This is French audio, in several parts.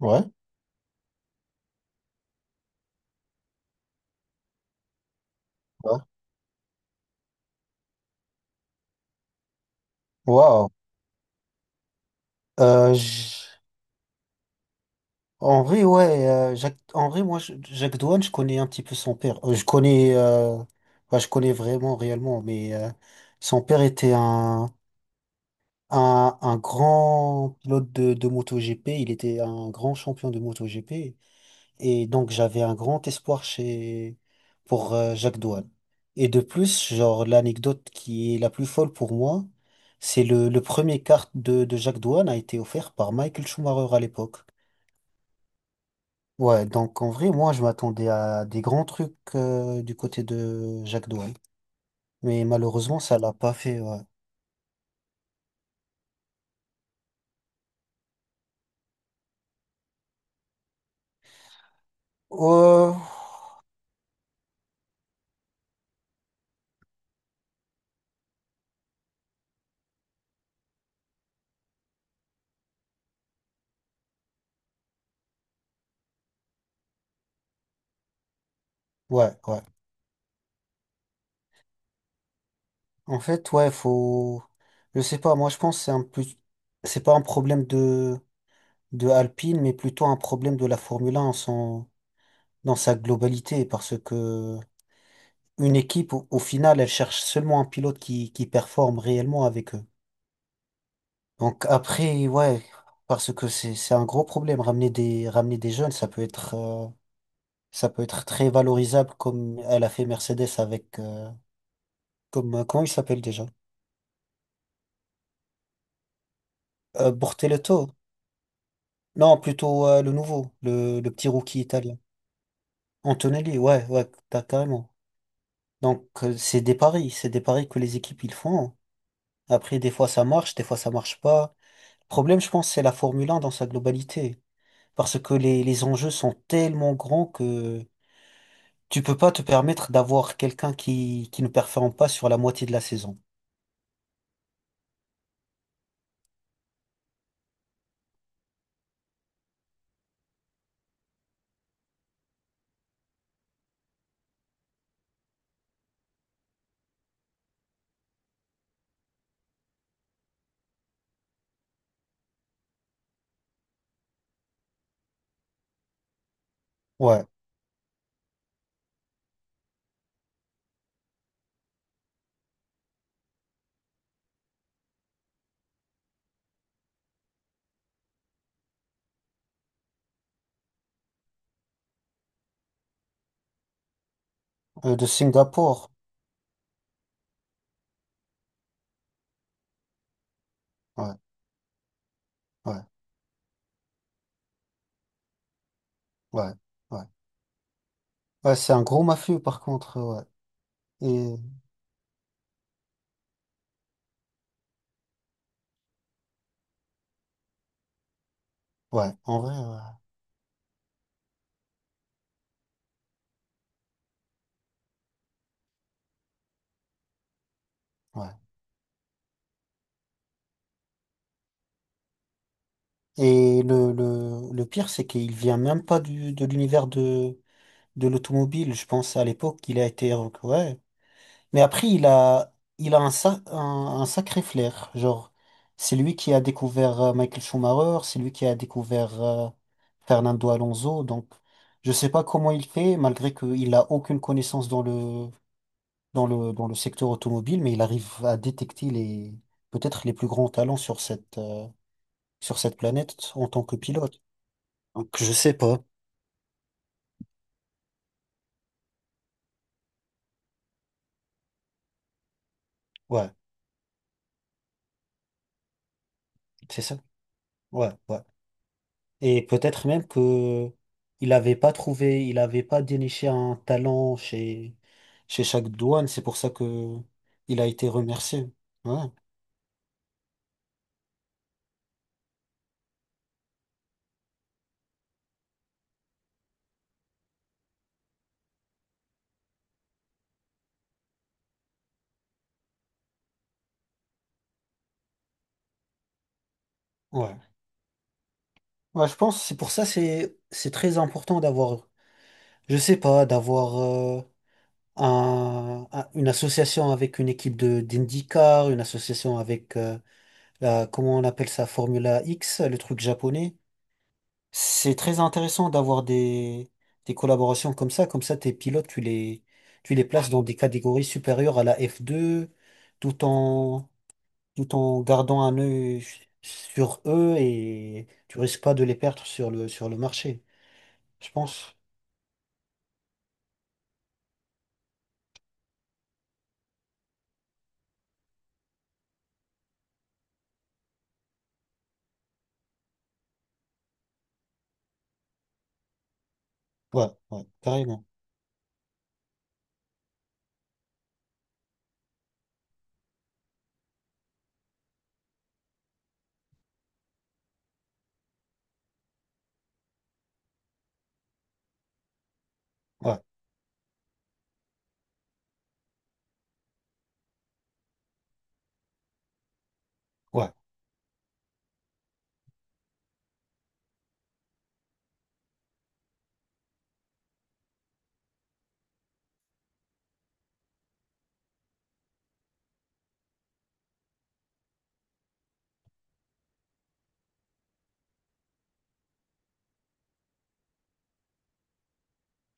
Ouais, ouais. Waouh. Euh, j- En vrai, ouais, Jacques... en vrai, Jacques Douane, je connais un petit peu son père. Je connais, ouais, je connais vraiment, réellement, mais son père était un grand pilote de MotoGP. Il était un grand champion de MotoGP. Et donc, j'avais un grand espoir chez, pour Jacques Douane. Et de plus, genre, l'anecdote qui est la plus folle pour moi, c'est le premier kart de Jacques Douane a été offert par Michael Schumacher à l'époque. Ouais, donc en vrai, moi, je m'attendais à des grands trucs du côté de Jacques Douane. Mais malheureusement, ça l'a pas fait, ouais. Euh, ouais, ouais. En fait, ouais, faut. Je sais pas, moi, je pense que c'est un plus. C'est pas un problème de. De Alpine, mais plutôt un problème de la Formule un dans sa globalité, parce que une équipe, au final, elle cherche seulement un pilote qui performe réellement avec eux. Donc après, ouais, parce que c'est un gros problème. Ramener des jeunes, ça peut être très valorisable comme elle a fait Mercedes avec, comme, comment il s'appelle déjà? Bortoleto. Non, plutôt le nouveau, le petit rookie italien. Antonelli, ouais, ouais, t'as carrément. Donc, c'est des paris que les équipes ils font. Après, des fois ça marche, des fois ça marche pas. Le problème, je pense, c'est la Formule 1 dans sa globalité. Parce que les enjeux sont tellement grands que tu peux pas te permettre d'avoir quelqu'un qui ne performe pas sur la moitié de la saison. Ouais. De Singapour. Ouais, ouais, ouais, ouais. Ouais, c'est un gros mafieux par contre, ouais. Et ouais, en vrai, ouais. Ouais. Et le pire, c'est qu'il vient même pas de l'univers de l'automobile, je pense à l'époque qu'il a été ouais. Mais après il a un, un sacré flair, genre c'est lui qui a découvert Michael Schumacher, c'est lui qui a découvert Fernando Alonso, donc je sais pas comment il fait malgré qu'il a aucune connaissance dans le dans le secteur automobile, mais il arrive à détecter les peut-être les plus grands talents sur cette planète en tant que pilote. Donc je sais pas. Ouais, c'est ça. Ouais, ouais. Et peut-être même que il n'avait pas trouvé, il n'avait pas déniché un talent chez, chez chaque douane. C'est pour ça que il a été remercié. Ouais, ouais. Ouais, je pense, c'est pour ça, c'est très important d'avoir, je sais pas, d'avoir une association avec une équipe de d'IndyCar, une association avec, la, comment on appelle ça, Formula X, le truc japonais. C'est très intéressant d'avoir des collaborations comme ça. Comme ça, tes pilotes, tu les places dans des catégories supérieures à la f deux tout en, tout en gardant un œil sur eux et tu risques pas de les perdre sur sur le marché. Je pense. Ouais, ouais, carrément. Ouais, ouais,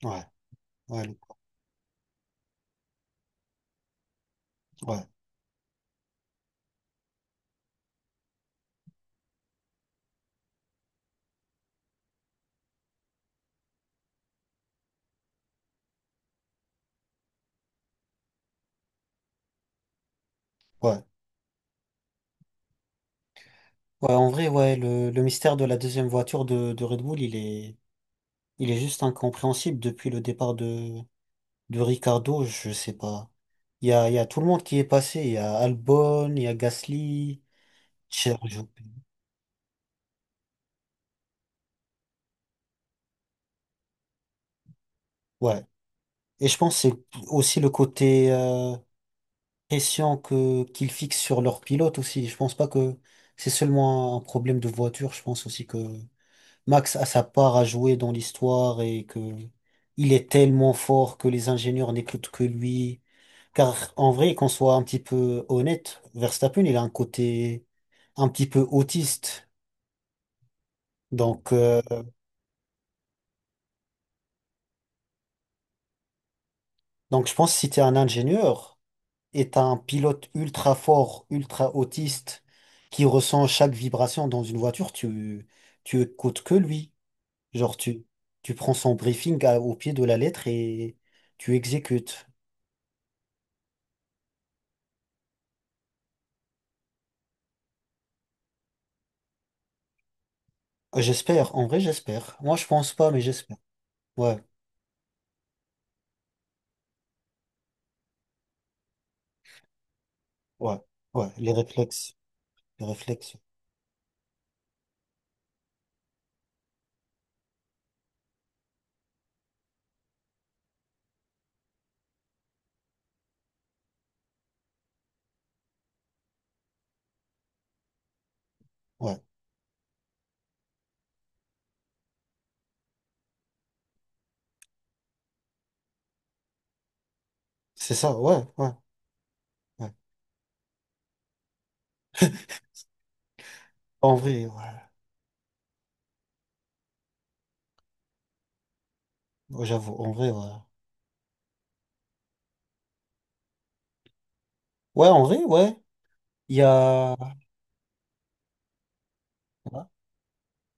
ouais, ouais, le- ouais, ouais. Ouais, en vrai, ouais, le mystère de la deuxième voiture de Red Bull, il est juste incompréhensible depuis le départ de Ricardo, je sais pas. Il y a tout le monde qui est passé. Il y a Albon, il y a Gasly, Sergio. Ouais. Et je pense que c'est aussi le côté pression que qu'ils fixent sur leur pilote aussi. Je pense pas que c'est seulement un problème de voiture. Je pense aussi que Max a sa part à jouer dans l'histoire et que il est tellement fort que les ingénieurs n'écoutent que lui. Car en vrai, qu'on soit un petit peu honnête, Verstappen, il a un côté un petit peu autiste. Donc, euh, donc je pense que si tu es un ingénieur et tu un pilote ultra fort, ultra autiste, qui ressent chaque vibration dans une voiture, tu écoutes que lui. Genre, tu prends son briefing à- au pied de la lettre et tu exécutes. J'espère, en vrai, j'espère. Moi, je pense pas, mais j'espère. Ouais, ouais, ouais, les réflexes, ouais. C'est ça, ouais, ouais, ouais. En vrai, ouais. Ouais, j'avoue, en vrai, ouais. Ouais, en vrai, ouais. Il y a... Ouais,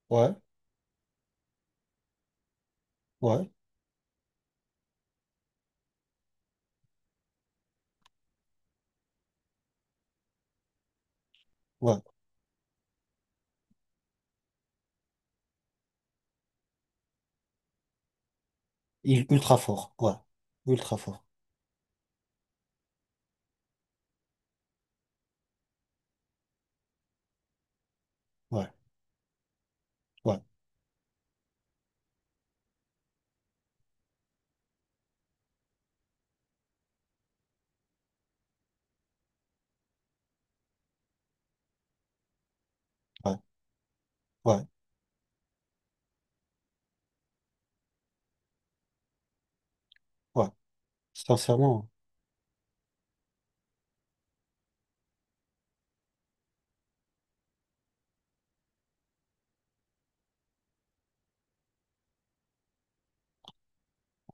ouais. Ouais. Ouais. Il, ultra fort, ouais. Ultra fort, ouais, ouais, ouais, ouais, ouais. Sincèrement,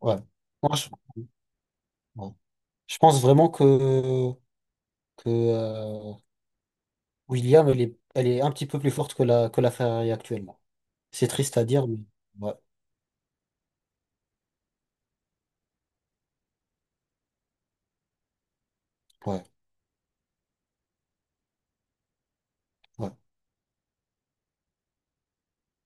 ouais. Moi, je, ouais. Je pense vraiment que William, elle est un petit peu plus forte que la Ferrari actuellement. C'est triste à dire, mais ouais, ouais, ouais.